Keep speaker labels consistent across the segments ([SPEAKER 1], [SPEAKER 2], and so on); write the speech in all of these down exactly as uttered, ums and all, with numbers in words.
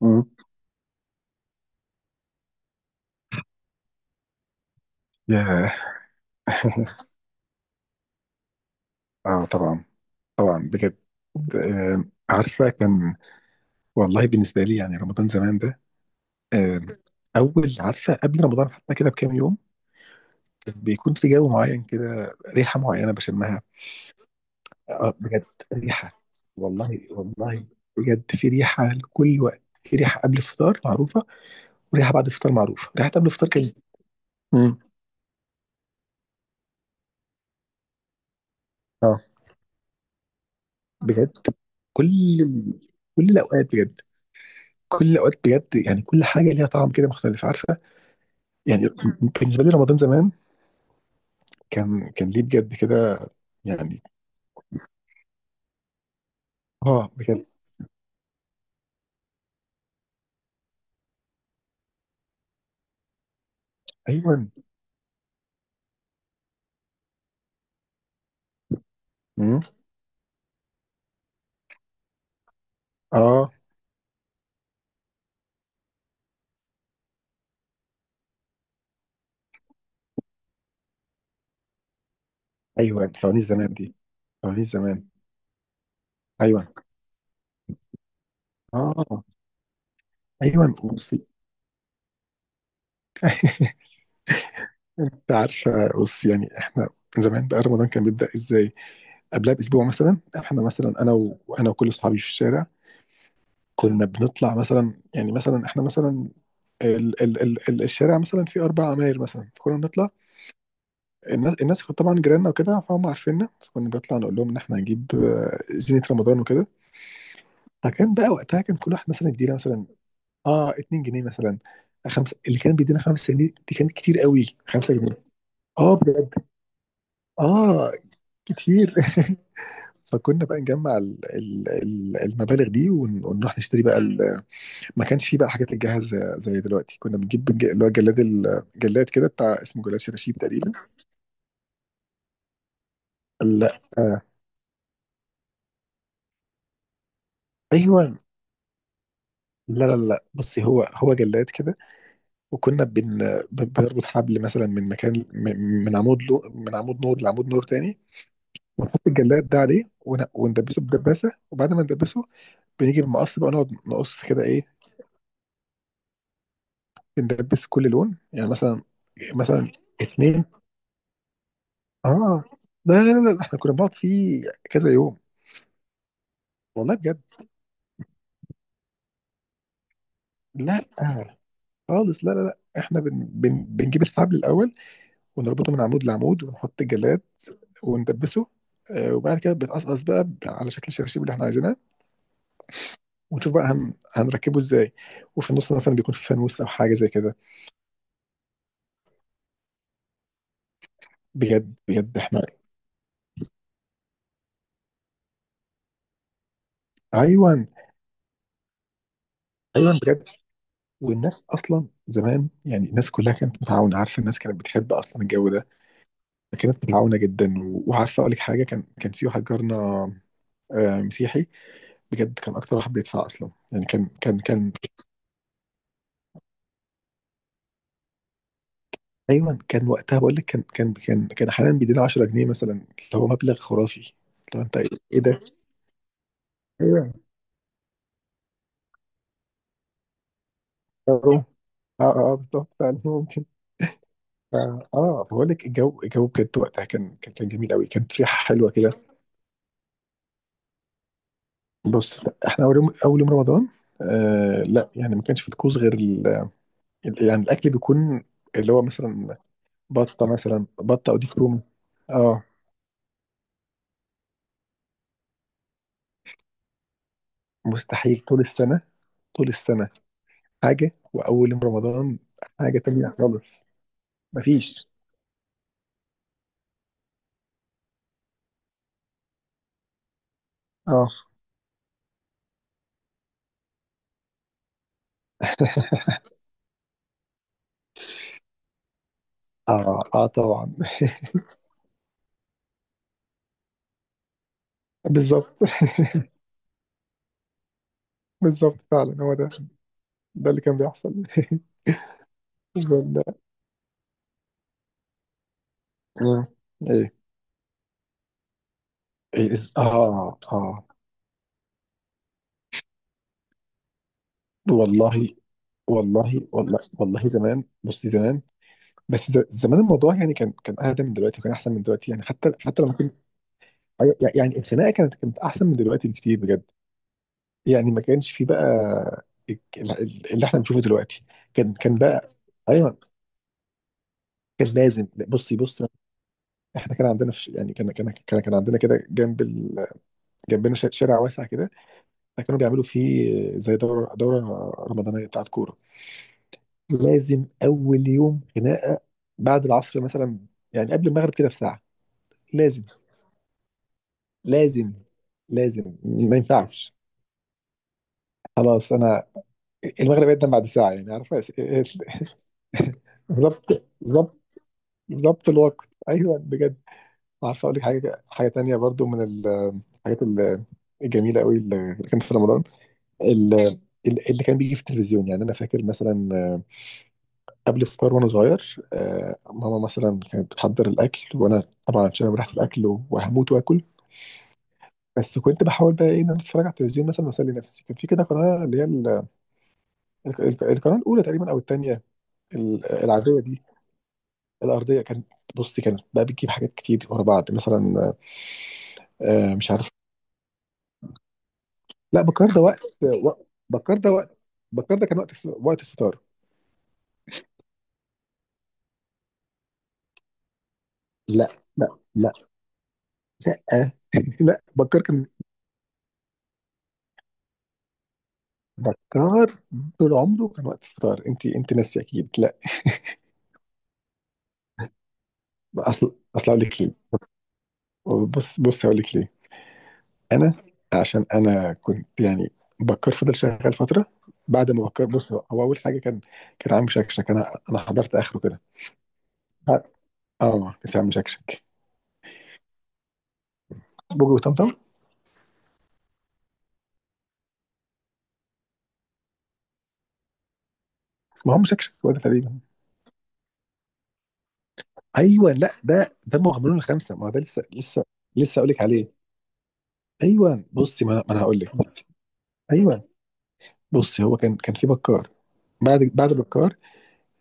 [SPEAKER 1] مم. ياه. اه طبعا. طبعا بجد. آه. عارفه، كان. والله، بالنسبه لي يعني رمضان زمان ده. آه. اول، عارفه، قبل رمضان حتى كده بكام يوم كان بيكون في جو معين كده، ريحه معينه بشمها. آه، بجد. ريحه. والله والله، بجد في ريحه لكل وقت، في ريحه قبل الفطار معروفه وريحه بعد الفطار معروفه، ريحه قبل الفطار كانت. مم. اه بجد. كل كل الاوقات بجد، كل الاوقات بجد، يعني كل حاجه ليها طعم كده مختلف، عارفه؟ يعني بالنسبه لي رمضان زمان كان كان ليه بجد كده، يعني. اه بجد. ايوه. مم. اه. ايوه، فوانيس زمان دي، فوانيس زمان. ايوه. اه. ايوه بصي. انت عارفه، بصي يعني احنا زمان بقى رمضان كان بيبدا ازاي؟ قبلها باسبوع مثلا، احنا مثلا، انا و... انا وكل اصحابي في الشارع كنا بنطلع مثلا، يعني مثلا احنا مثلا ال... ال... ال... ال- الشارع مثلا فيه اربع عماير مثلا، فكنا بنطلع. الناس الناس كانت طبعا جيراننا وكده، فهم عارفيننا، فكنا بنطلع نقول لهم ان احنا هنجيب آه، زينة رمضان وكده. فكان بقى وقتها كان كل واحد مثلا يدينا مثلا اه اتنين جنيه مثلا، خمسة، اللي كان بيدينا خمسة جنيه دي كانت كتير قوي، خمسة جنيه. اه بجد، اه، كتير. فكنا بقى نجمع ال ال ال المبالغ دي ون- ونروح نشتري بقى ال-. ما كانش فيه بقى حاجات الجاهز زي زي دلوقتي، كنا بنجيب الج- اللي هو الجلاد الجلاد كده بتاع، اسمه جلاد شراشيب تقريبا. لا آه. ايوه، لا لا لا بصي، هو هو جلاد كده. وكنا بن ب- بنربط حبل مثلا من مكان، من من عمود، لو من عمود نور لعمود نور تاني، ونحط الجلاد ده عليه ون- وندبسه بدباسه، وبعد ما ندبسه بنيجي بمقص بقى نقعد نقص كده ايه. بندبس كل لون، يعني مثلا، مثلا اتنين. اه. لا لا لا لا، احنا كنا بنقعد فيه كذا يوم. والله بجد. لا آه، خالص، لا لا لا، احنا بن بن بنجيب الحبل الاول ونربطه من عمود لعمود ونحط الجلاد وندبسه. آه، وبعد كده بيتقصقص بقى على شكل الشراشيب اللي احنا عايزينها، ونشوف بقى هن... هنركبه ازاي. وفي النص مثلا بيكون في فانوس او حاجه زي كده. بجد بجد احنا. ايوه. ايوه بجد. والناس اصلا زمان، يعني الناس كلها كانت متعاونه، عارفه؟ الناس كانت بتحب اصلا الجو ده، كانت متعاونه جدا و... وعارفه اقول لك حاجه، كان كان في واحد جارنا آه، مسيحي. بجد كان اكتر واحد بيدفع اصلا، يعني كان كان كان. ايوه كان وقتها، بقول لك، كان كان كان كان احيانا بيدينا عشرة جنيه مثلا، اللي هو مبلغ خرافي. لو انت ايه. إيه ده؟ ايوه. اه اه. آه، بالظبط فعلا ممكن. ف- اه بقول لك، الجو الجو بجد وقتها كان كان كان جميل قوي، كانت ريحه حلوه كده. بص احنا اول يوم، اول يوم رمضان، آه لا، يعني ما كانش في طقوس غير ال... ال- يعني الاكل بيكون اللي هو مثلا بطه مثلا، بطه او ديك رومي. اه. مستحيل، طول السنه، طول السنه حاجه، واول يوم رمضان حاجه تانية خالص. مفيش. اه. اه، اه طبعا. بالظبط. بالظبط فعلا، هو ده، ده اللي كان بيحصل. بال- مم. ايه. إيه، إز- اه اه. والله والله والله والله. زمان بصي، زمان، بس ده زمان الموضوع يعني كان كان اهدى من دلوقتي، وكان احسن من دلوقتي. يعني حتى، حتى لما كنت، يعني الخناقه كانت كانت احسن من دلوقتي بكتير، بجد. يعني ما كانش في بقى ال- ال- اللي احنا بنشوفه دلوقتي. كان كان بقى. ايوه كان لازم. بصي بص، احنا كان عندنا في، يعني كان كان كان كان عندنا كده جنب ال... جنبنا ش- شارع واسع كده، فكانوا بيعملوا فيه زي دوره دوره رمضانيه بتاعت كوره. لازم اول يوم خناقه بعد العصر مثلا، يعني قبل المغرب كده بساعه. لازم لازم لازم، ما ينفعش. خلاص، انا المغرب يقدم بعد ساعه، يعني عارفه. ظبط، ظبط ظبط الوقت، ايوه بجد. عارفه اقول لك حاجه، حاجه تانيه برضو من الحاجات ال- الجميله قوي اللي كانت في رمضان، ال- ال- اللي كان بيجي في التلفزيون. يعني انا فاكر مثلا آه، قبل الفطار وانا صغير، آه، ماما مثلا كانت بتحضر الاكل وانا طبعا شامم ريحه الاكل وهموت واكل، بس كنت بحاول بقى ايه ان انا اتفرج على التلفزيون مثلا واسلي نفسي. كان في كده قناه اللي هي ال- ال- القناه الاولى تقريبا او الثانيه، العاديه دي، الارضيه، كانت بصي كانت بقى بتجيب حاجات كتير ورا بعض مثلا آه، مش عارف. لا بكار ده وقت، وق- بكار ده وقت. بكار ده كان وقت، وقت الفطار. لا لا لا لا. لا، بكار كان، بكار طول عمره كان وقت الفطار، انت انت ناسي اكيد. لا. اصل اصل اقول لك ليه. بص بص هقول لك ليه. انا عشان انا كنت يعني بكر فضل شغال فتره. بعد ما بكر، بص، هو هو اول حاجه كان كان عم شكشك. انا انا حضرت اخره كده. اه، آه، كان في عم شكشك. بوجي وطمطم. ما هو عم شكشك هو ده تقريبا. ايوه، لا ده ده مغامرون الخمسه، ما هو ده لسه، لسه لسه اقول لك عليه. ايوه بصي، ما انا ما انا هقول لك. ايوه بص، هو كان كان في بكار، بعد بعد بكار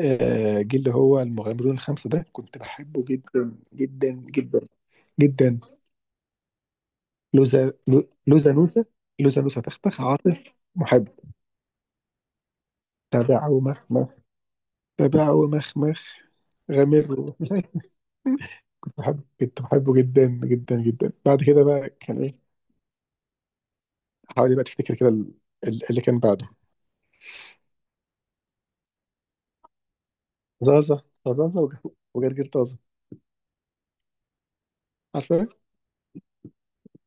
[SPEAKER 1] آه، جه اللي هو المغامرون الخمسة ده، كنت بحبه جدا جدا جدا جدا. لوزا، لو- لوزانوسا. لوزانوسا، تختخ، عاطف، محب، تبعه مخمخ، تبعه مخمخ غامر، مش عارف. كنت بحبه، كنت بحبه جدا جدا جدا. بعد كده بقى كان ايه، حاولي بقى تفتكر كده ال- ال- اللي كان بعده. زازا، زازا وج- وجرجير طازة. عارفة؟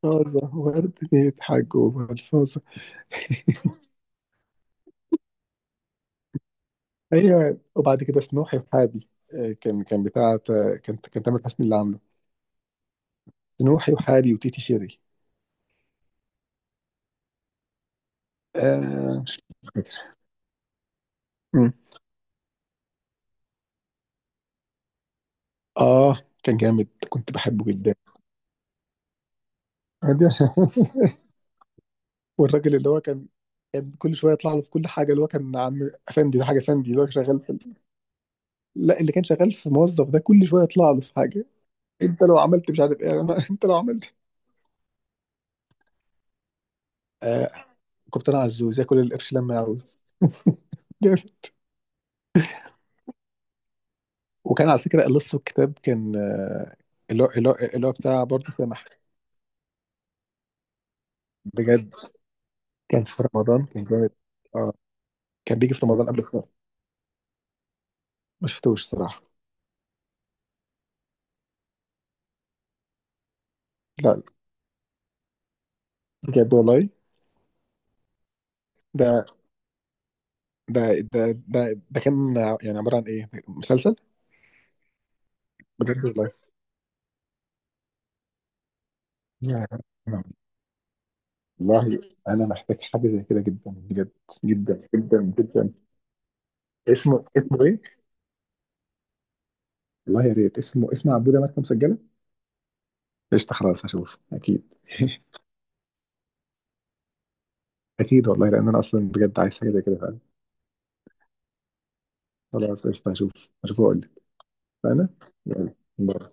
[SPEAKER 1] طازة، وورد بيضحك جوه الفازة. ايوه، وبعد كده سنوحي وحابي، آه، كان كان بتاعة آه، كانت كان تامر حسني اللي عامله. سنوحي وحابي وتيتي شيري. آه، مش فاكر. مم. اه، كان جامد، كنت بحبه جدا. آه، ده-. والراجل اللي هو كان، كان كل شويه يطلع له في كل حاجه، اللي هو كان عم افندي ده، حاجه افندي، اللي هو شغال في. لا، اللي كان شغال في موظف ده كل شويه يطلع له في حاجه. انت لو عملت مش عارف ايه، أنا- انت لو عملت. آه. كنت انا، عزوز ياكل القرش لما يعوز. وكان على فكرة لسه الكتاب كان آه، اللي هو اللي هو اللي هو بتاع برضه سامح. بجد كان في رمضان، كان جامد. اه، كان بيجي في رمضان قبل كده. ما شفتوش صراحة. لا. بجد والله. ده ده ده ده, ده كان يعني عبارة عن ايه، مسلسل. بجد والله. يا-. رب، والله انا محتاج حاجة زي كده جدا، بجد، جدا جدا جدا. اسمه، اسمه ايه؟ والله يا ريت. اسمه، اسمه عبودة ماتت مسجلة. قشطة، خلاص هشوف اكيد. اكيد والله، لان انا اصلا بجد عايز حاجة زي كده. خلاص قشطة هشوف هشوف واقول لك. انا. يلا، باي.